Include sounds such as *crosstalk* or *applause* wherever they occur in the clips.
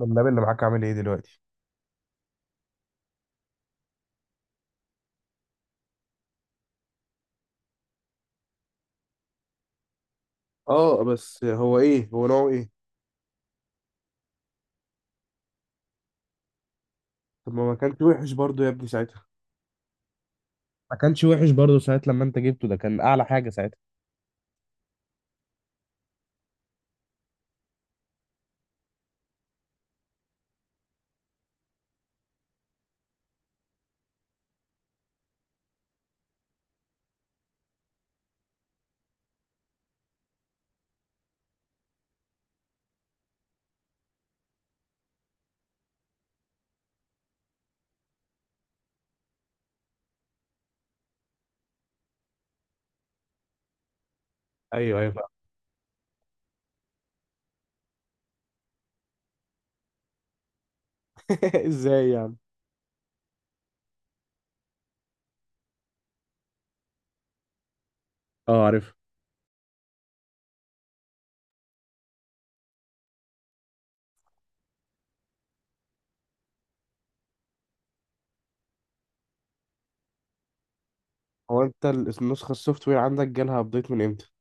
اللاب اللي معاك عامل ايه دلوقتي؟ اه، بس هو ايه؟ هو نوعه ايه؟ طب ما كانش وحش برضو يا ابني ساعتها؟ ما كانش وحش برضه ساعة لما انت جبته، ده كان اعلى حاجة ساعتها. ايوه ايوه. *laughs* ازاي يعني؟ اه، عارف. هو انت النسخه السوفت وير عندك جالها ابديت من امتى؟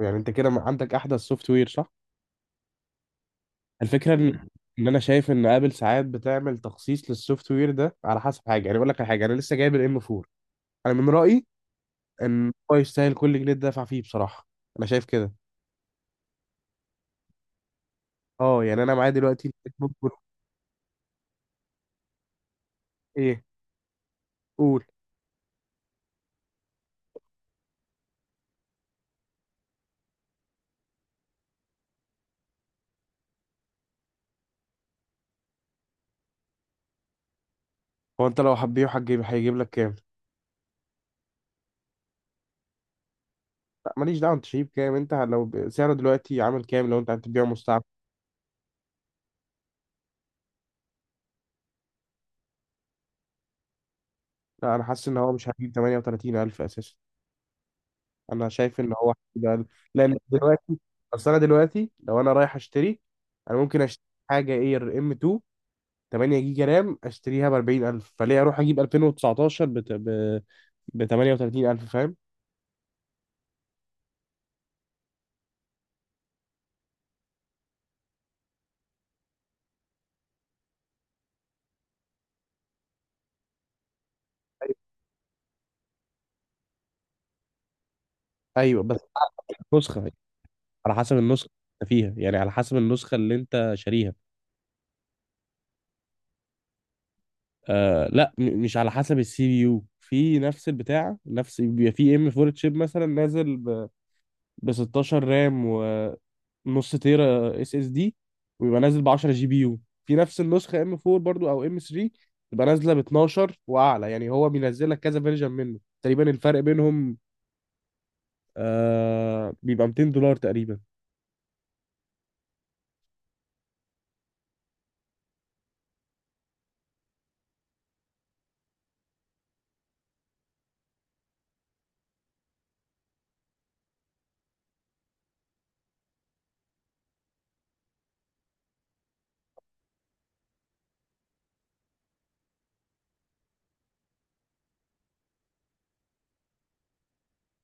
يعني انت كده ما عندك احدث سوفت وير، صح؟ الفكره ان انا شايف ان ابل ساعات بتعمل تخصيص للسوفت وير ده على حسب حاجه. يعني اقول لك على حاجه، انا لسه جايب الام 4. انا من رايي ان هو يستاهل كل جنيه دافع فيه بصراحه. انا شايف كده. اه يعني انا معايا دلوقتي. ايه؟ قول. هو انت لو حبيبه هتجيب، هيجيب لك كام؟ لا ماليش دعوه، انت شايف كام؟ انت لو سعره دلوقتي عامل كام لو انت هتبيعه مستعمل؟ لا، انا حاسس ان هو مش هيجيب 38,000 اساسا. انا شايف ان هو هيجيب أقل. لان دلوقتي، اصل انا دلوقتي لو انا رايح اشتري، انا ممكن اشتري حاجه اير ام 2، 8 جيجا رام، اشتريها ب 40,000، فليه اروح اجيب 2019 ب 38,000؟ فاهم؟ ايوه بس نسخه، على حسب النسخه اللي انت فيها، يعني على حسب النسخه اللي انت شاريها. آه لا، مش على حسب السي بي يو، في نفس البتاع نفس، بيبقى في ام 4 تشيب مثلا نازل ب 16 رام ونص تيرا اس اس دي، ويبقى نازل ب 10 جي بي يو. في نفس النسخه ام 4 برضو او ام 3، تبقى نازله ب 12 واعلى. يعني هو بينزل لك كذا فيرجن منه تقريبا، الفرق بينهم آه بيبقى $200 تقريبا.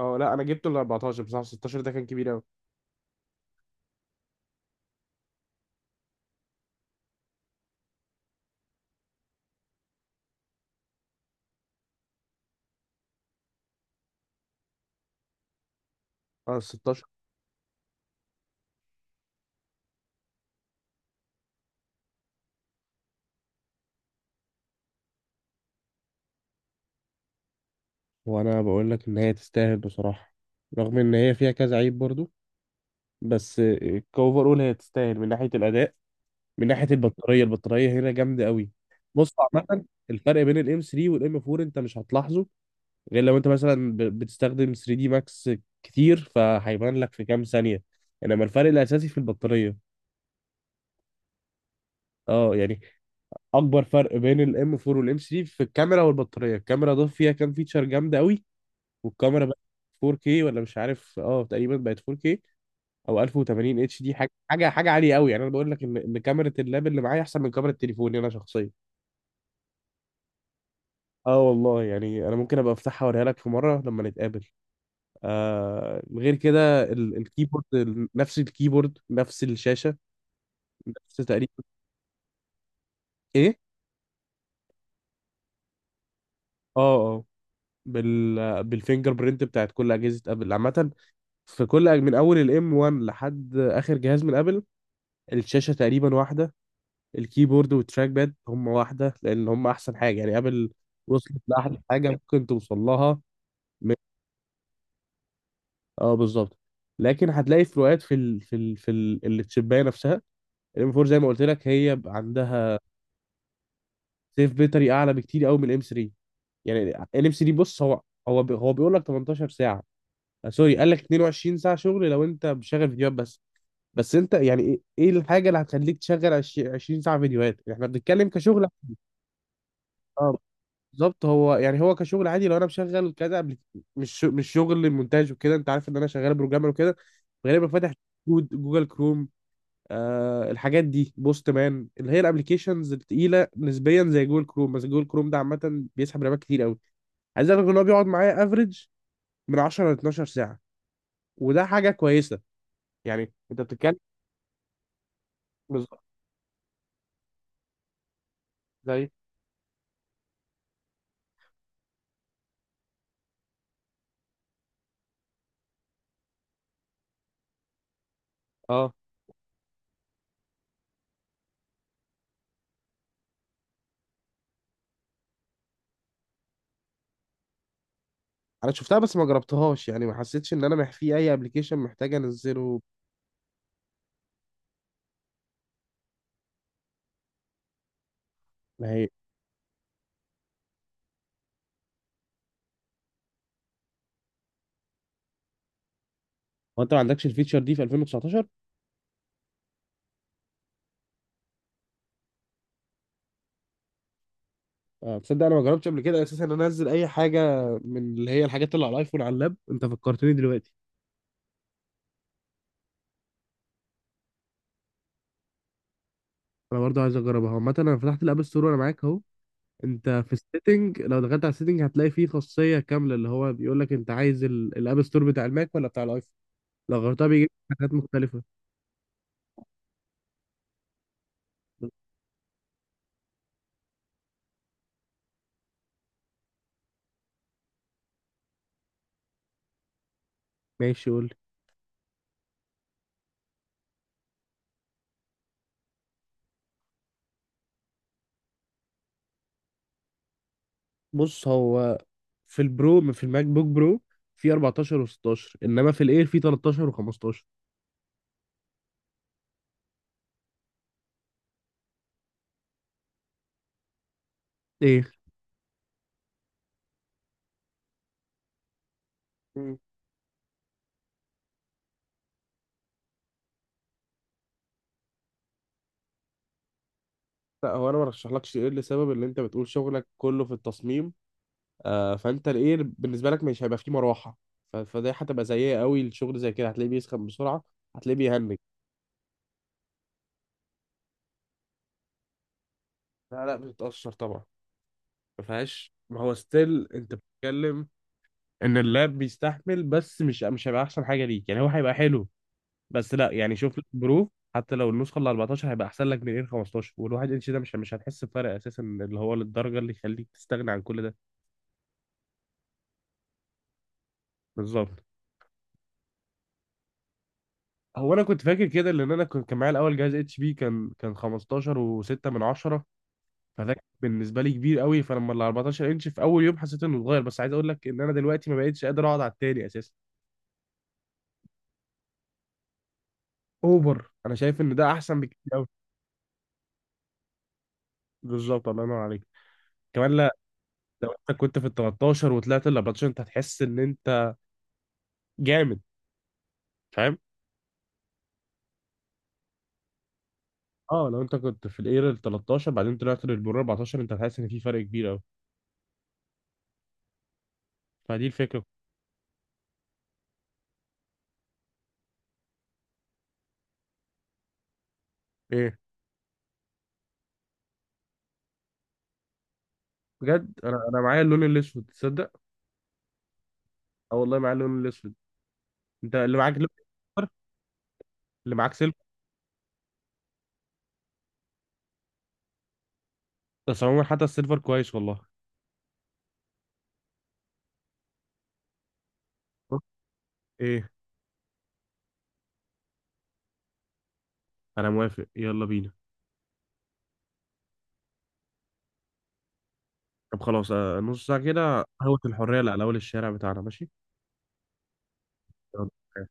اه لا انا جبته ال 14 بصراحه، 16 ده كان كبير قوي. اه 16. وانا بقول لك ان هي تستاهل بصراحه، رغم ان هي فيها كذا عيب برضو، بس كوفر اول هي تستاهل من ناحيه الاداء، من ناحيه البطاريه. البطاريه هنا جامده قوي. بص، عامه الفرق بين الام 3 والام 4 انت مش هتلاحظه، غير لو انت مثلا بتستخدم 3 دي ماكس كتير، فهيبان لك في كام ثانيه. انما الفرق الاساسي في البطاريه. اه يعني اكبر فرق بين الام 4 والام 3 في الكاميرا والبطاريه. الكاميرا ضاف فيها كام فيتشر جامده قوي، والكاميرا بقت 4K ولا مش عارف، اه تقريبا بقت 4K او 1080 اتش دي، حاجه عاليه قوي. يعني انا بقول لك ان كاميرا اللاب اللي معايا احسن من كاميرا تليفوني انا شخصيا. اه والله. يعني انا ممكن ابقى افتحها اوريها لك في مره لما نتقابل. آه، غير كده الكيبورد نفس الكيبورد، نفس الشاشه، نفس تقريبا. ايه. اه اه، بال بالفينجر برينت بتاعت كل اجهزه ابل عامه. في كل من اول الام 1 لحد اخر جهاز من ابل، الشاشه تقريبا واحده، الكيبورد والتراك باد هم واحدة، لأن هم أحسن حاجة. يعني أبل وصلت لأحلى حاجة ممكن توصل لها. من- اه بالظبط. لكن هتلاقي فروقات في التشيباية نفسها. الام 4 زي ما قلت لك هي بقى عندها سيف بيتري أعلى بكتير قوي من الام 3. يعني الام 3 بص، هو هو بيقول لك 18 ساعة. آه، سوري، قال لك 22 ساعة شغل لو أنت بشغل فيديوهات بس. بس أنت يعني إيه الحاجة اللي هتخليك تشغل 20 ساعة فيديوهات؟ احنا بنتكلم كشغل. اه بالظبط. هو يعني هو كشغل عادي، لو انا مشغل كذا، قبل مش شغل مونتاج وكده، انت عارف ان انا شغال بروجرامر وكده، غالبا فاتح كود، جوجل كروم، آه الحاجات دي، بوست مان، اللي هي الابلكيشنز التقيله نسبيا زي جوجل كروم. بس جوجل كروم ده عامه بيسحب رامات كتير قوي. عايز اقول لك ان هو بيقعد معايا افريج من 10 ل 12 ساعه، وده حاجه كويسه. يعني انت بتتكلم. بالظبط. زي. اه انا شفتها بس ما جربتهاش، يعني ما حسيتش ان انا في اي ابلكيشن محتاج انزله. ما هي. هو انت ما عندكش الفيتشر دي في 2019؟ آه، تصدق انا ما جربتش قبل كده اساسا ان أنا انزل اي حاجه من اللي هي الحاجات اللي على الايفون على اللاب؟ انت فكرتني دلوقتي. انا برضه عايز اجربها عامه، انا فتحت الاب ستور وانا معاك اهو. انت في السيتنج، لو دخلت على السيتنج هتلاقي فيه خاصيه كامله اللي هو بيقول لك انت عايز الاب ستور بتاع الماك ولا بتاع الايفون. لو غيرتها بيجيب لك حاجات مختلفه. ماشي قول لي. بص هو في البرو، في الماك بوك برو، في 14 و16، انما في الاير في 13 و15. ايه. مم. لا هو انا ما رشحلكش، ايه، لسبب ان انت بتقول شغلك كله في التصميم، آه، فانت الايه بالنسبه لك مش هيبقى فيه مروحه، فده هتبقى سيئه قوي. الشغل زي كده هتلاقيه بيسخن بسرعه، هتلاقيه بيهنج. لا لا، بتتاثر طبعا. ما فيهاش، ما هو ستيل. انت بتتكلم ان اللاب بيستحمل، بس مش، هيبقى احسن حاجه ليك. يعني هو هيبقى حلو بس لا، يعني شوف لك برو حتى لو النسخه ال 14، هيبقى احسن لك من ال 15. والواحد انش ده مش هتحس بفرق اساسا اللي هو للدرجه اللي يخليك تستغنى عن كل ده. بالظبط. هو انا كنت فاكر كده، لان انا كنت، كان معايا الاول جهاز اتش بي، كان 15 و6 من 10، فده كان بالنسبه لي كبير قوي، فلما ال 14 انش في اول يوم حسيت انه اتغير. بس عايز اقول لك ان انا دلوقتي ما بقتش قادر اقعد على التاني اساسا. اوفر، انا شايف ان ده احسن بكتير قوي. بالظبط، الله ينور عليك. كمان لا، لو انت كنت في ال 13 وطلعت ال 14 انت هتحس ان انت جامد، فاهم. اه، لو انت كنت في الاير ال 13، بعدين طلعت للبرو 14، انت هتحس ان في فرق كبير قوي. فدي الفكره. ايه. بجد، انا معايا اللون الاسود، تصدق؟ اه والله، معايا اللون الاسود. انت اللي معاك لون احمر؟ اللي معاك سيلفر. بس عموما حتى السيلفر كويس والله. ايه. انا موافق، يلا بينا. طب خلاص آه، نص ساعة كده، قهوة الحرية اللي على اول الشارع بتاعنا، ماشي. يلا.